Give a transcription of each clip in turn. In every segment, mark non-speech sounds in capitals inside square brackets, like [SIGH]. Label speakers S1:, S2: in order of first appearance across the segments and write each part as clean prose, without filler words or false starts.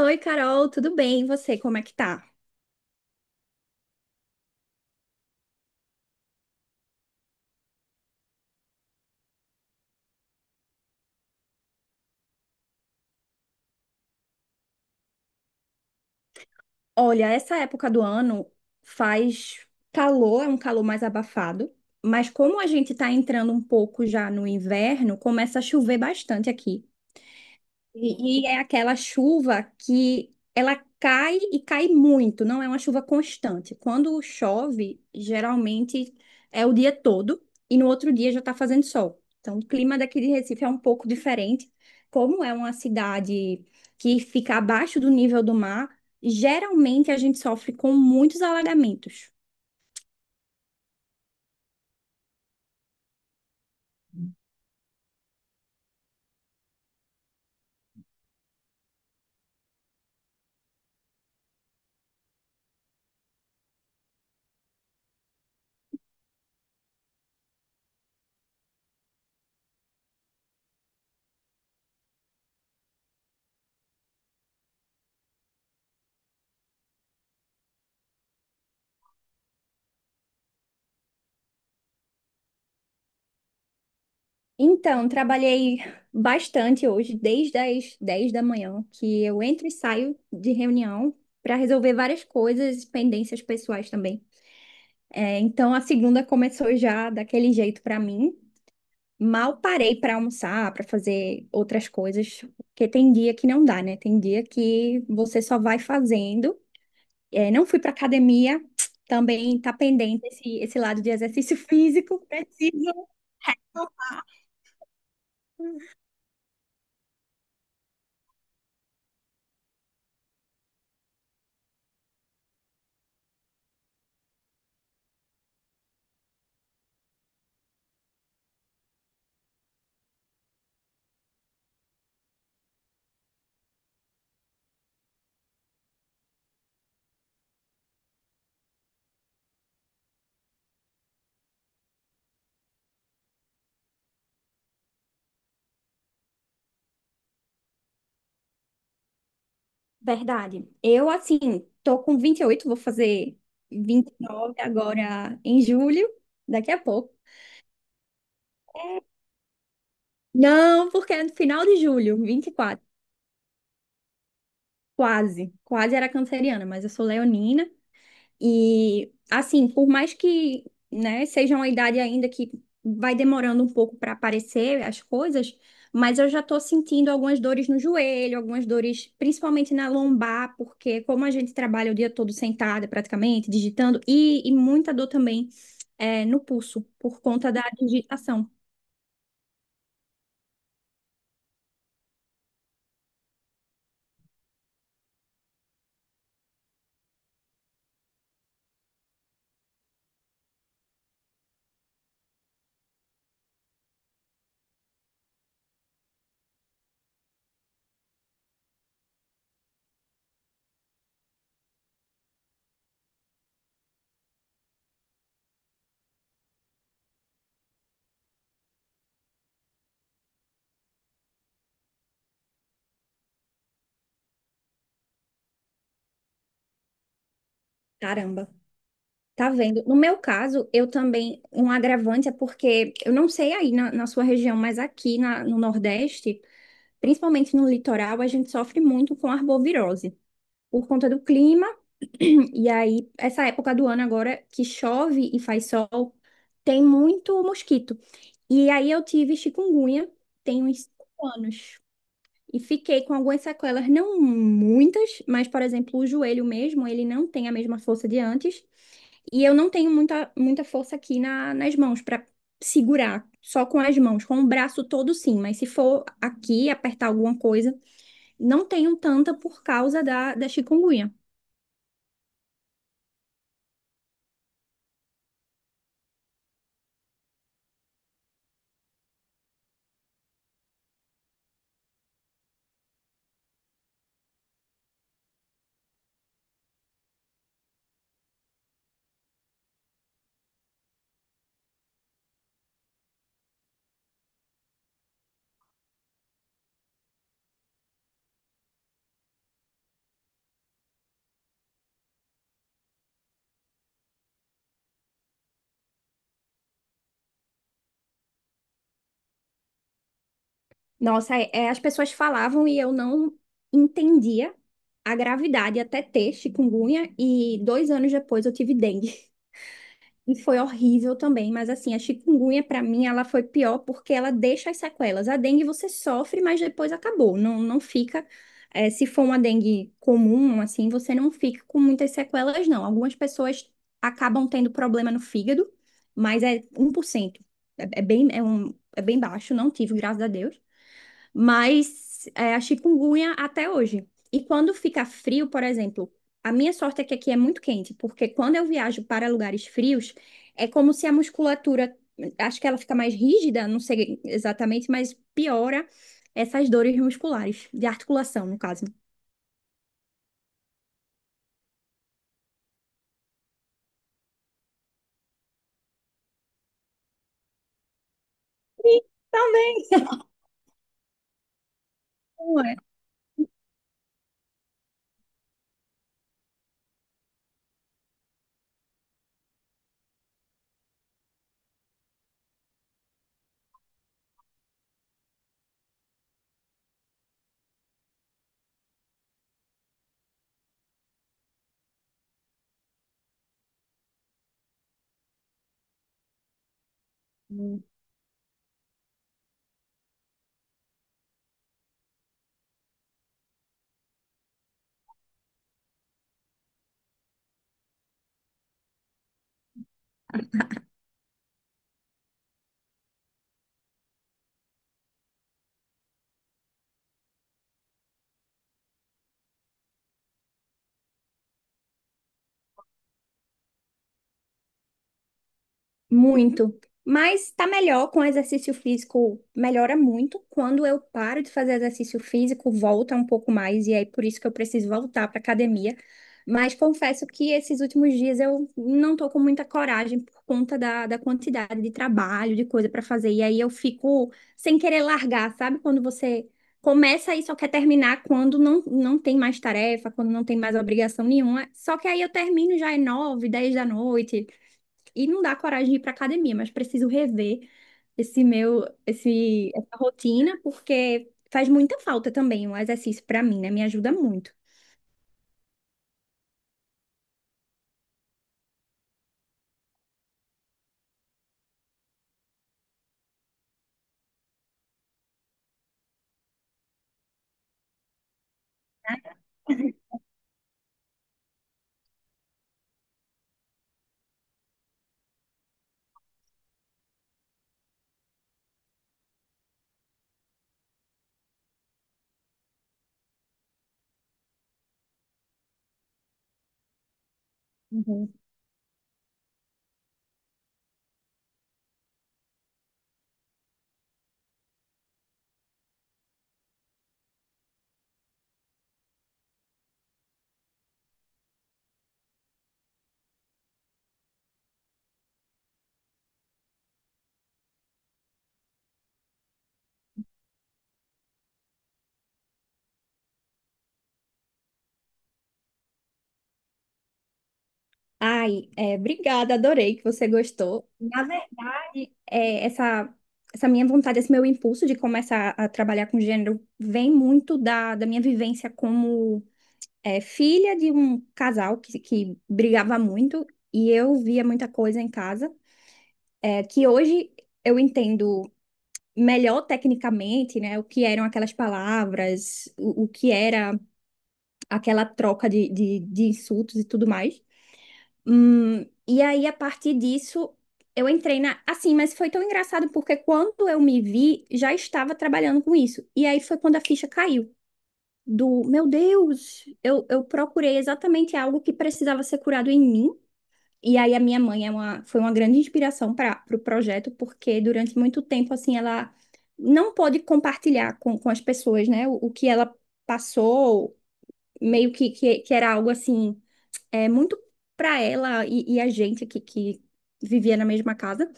S1: Oi, Carol, tudo bem? E você, como é que tá? Olha, essa época do ano faz calor, é um calor mais abafado, mas como a gente tá entrando um pouco já no inverno, começa a chover bastante aqui. E é aquela chuva que ela cai e cai muito, não é uma chuva constante. Quando chove, geralmente é o dia todo e no outro dia já está fazendo sol. Então, o clima daqui de Recife é um pouco diferente. Como é uma cidade que fica abaixo do nível do mar, geralmente a gente sofre com muitos alagamentos. Então, trabalhei bastante hoje, desde as 10 da manhã, que eu entro e saio de reunião para resolver várias coisas, pendências pessoais também. É, então, a segunda começou já daquele jeito para mim. Mal parei para almoçar, para fazer outras coisas, porque tem dia que não dá, né? Tem dia que você só vai fazendo. É, não fui para academia, também tá pendente esse lado de exercício [LAUGHS] físico, preciso. Verdade. Eu, assim, tô com 28, vou fazer 29 agora em julho, daqui a pouco. Não, porque é no final de julho, 24. Quase. Quase era canceriana, mas eu sou leonina. E assim, por mais que, né, seja uma idade ainda que vai demorando um pouco para aparecer as coisas, mas eu já tô sentindo algumas dores no joelho, algumas dores principalmente na lombar, porque como a gente trabalha o dia todo sentada praticamente, digitando, e muita dor também é no pulso, por conta da digitação. Caramba. Tá vendo? No meu caso, eu também, um agravante é porque eu não sei aí na sua região, mas aqui no Nordeste, principalmente no litoral, a gente sofre muito com arbovirose, por conta do clima. [CLEARS THROAT] E aí, essa época do ano agora que chove e faz sol, tem muito mosquito. E aí eu tive chikungunya, tem uns 5 anos. E fiquei com algumas sequelas, não muitas, mas, por exemplo, o joelho mesmo, ele não tem a mesma força de antes. E eu não tenho muita, muita força aqui nas mãos para segurar, só com as mãos, com o braço todo sim, mas se for aqui apertar alguma coisa, não tenho tanta por causa da chikungunya. Nossa, as pessoas falavam e eu não entendia a gravidade até ter chikungunya e 2 anos depois eu tive dengue. E foi horrível também, mas assim, a chikungunya pra mim ela foi pior porque ela deixa as sequelas. A dengue você sofre, mas depois acabou. Não, não fica, se for uma dengue comum, assim, você não fica com muitas sequelas, não. Algumas pessoas acabam tendo problema no fígado, mas é um 1%. É bem baixo, não tive, graças a Deus, mas a chikungunya até hoje. E quando fica frio, por exemplo, a minha sorte é que aqui é muito quente, porque quando eu viajo para lugares frios, é como se a musculatura, acho que ela fica mais rígida, não sei exatamente, mas piora essas dores musculares, de articulação, no caso. Sim, também. Não é? Muito. Mas tá melhor com exercício físico, melhora muito. Quando eu paro de fazer exercício físico, volta um pouco mais, e aí por isso que eu preciso voltar para academia. Mas confesso que esses últimos dias eu não tô com muita coragem por conta da quantidade de trabalho, de coisa para fazer. E aí eu fico sem querer largar, sabe? Quando você começa e só quer terminar quando não, não tem mais tarefa, quando não tem mais obrigação nenhuma. Só que aí eu termino já é 9, 10 da noite. E não dá coragem de ir para academia, mas preciso rever essa rotina, porque faz muita falta também o exercício para mim, né? Me ajuda muito. Uhum. Ai, é, obrigada, adorei que você gostou. Na verdade, essa minha vontade, esse meu impulso de começar a trabalhar com gênero vem muito da minha vivência como filha de um casal que brigava muito e eu via muita coisa em casa, que hoje eu entendo melhor tecnicamente, né, o que eram aquelas palavras, o que era aquela troca de insultos e tudo mais. Hum, e aí, a partir disso, eu entrei na. Assim, mas foi tão engraçado porque quando eu me vi, já estava trabalhando com isso. E aí foi quando a ficha caiu. Do meu Deus, eu procurei exatamente algo que precisava ser curado em mim, e aí a minha mãe foi uma grande inspiração para o pro projeto, porque durante muito tempo, assim, ela não pôde compartilhar com as pessoas, né? O que ela passou, meio que, que era algo, assim, é, muito para ela, e a gente que vivia na mesma casa.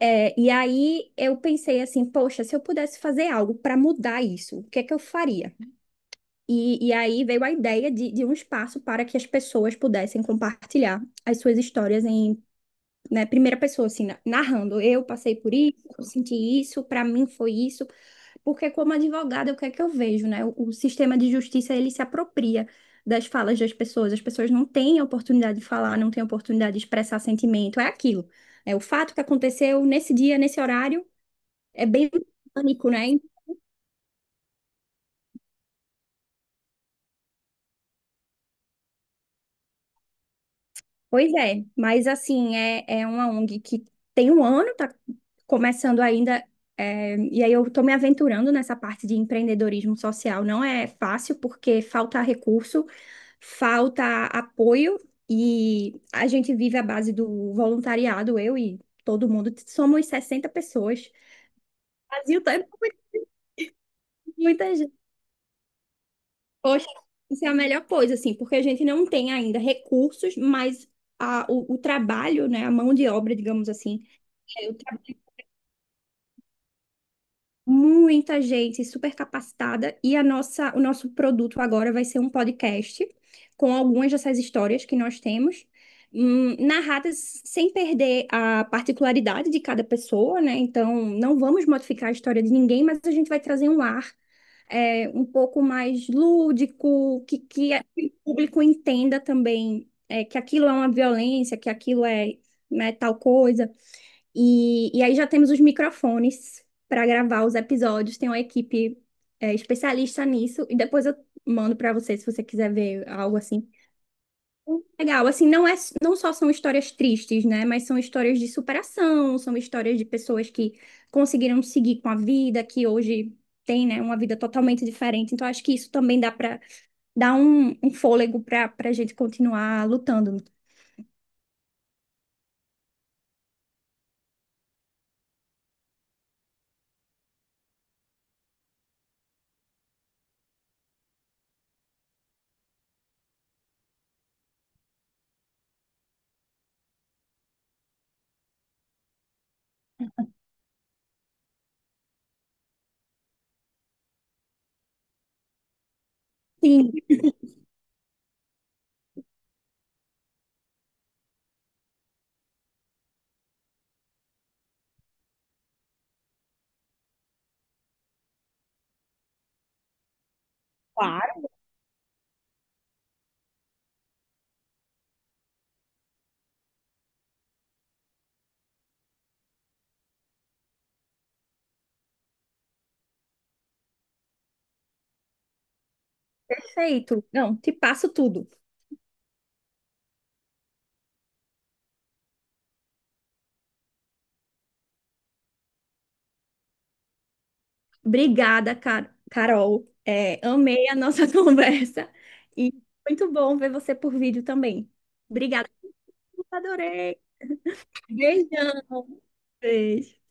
S1: É, e aí eu pensei assim, poxa, se eu pudesse fazer algo para mudar isso, o que é que eu faria? E aí veio a ideia de um espaço para que as pessoas pudessem compartilhar as suas histórias em, né, primeira pessoa, assim, narrando. Eu passei por isso, eu senti isso, para mim foi isso. Porque como advogada, o que é que eu vejo, né? O sistema de justiça, ele se apropria das falas das pessoas. As pessoas não têm a oportunidade de falar, não têm a oportunidade de expressar sentimento. É aquilo. É o fato que aconteceu nesse dia, nesse horário, é bem pânico, né? Pois é, mas assim, é uma ONG que tem um ano, tá começando ainda, e aí eu tô me aventurando nessa parte de empreendedorismo social. Não é fácil, porque falta recurso, falta apoio, e a gente vive à base do voluntariado, eu e todo mundo, somos 60 pessoas. Brasil tá muita gente. Poxa, isso é a melhor coisa, assim, porque a gente não tem ainda recursos, mas o trabalho, né, a mão de obra, digamos assim, eu trabalho com muita gente super capacitada e o nosso produto agora vai ser um podcast com algumas dessas histórias que nós temos, narradas sem perder a particularidade de cada pessoa, né? Então, não vamos modificar a história de ninguém, mas a gente vai trazer um ar, um pouco mais lúdico, que que o público entenda também, que aquilo é uma violência, que aquilo é, né, tal coisa. E aí já temos os microfones para gravar os episódios, tem uma equipe, especialista nisso, e depois eu mando para você se você quiser ver algo assim. Legal, assim, não é, não só são histórias tristes, né? Mas são histórias de superação, são histórias de pessoas que conseguiram seguir com a vida, que hoje tem, né, uma vida totalmente diferente. Então, acho que isso também dá para dar um fôlego para a gente continuar lutando. Sim. Claro. Perfeito. Não, te passo tudo. Obrigada, Carol. É, amei a nossa [LAUGHS] conversa e muito bom ver você por vídeo também. Obrigada, adorei. Beijão. Beijo.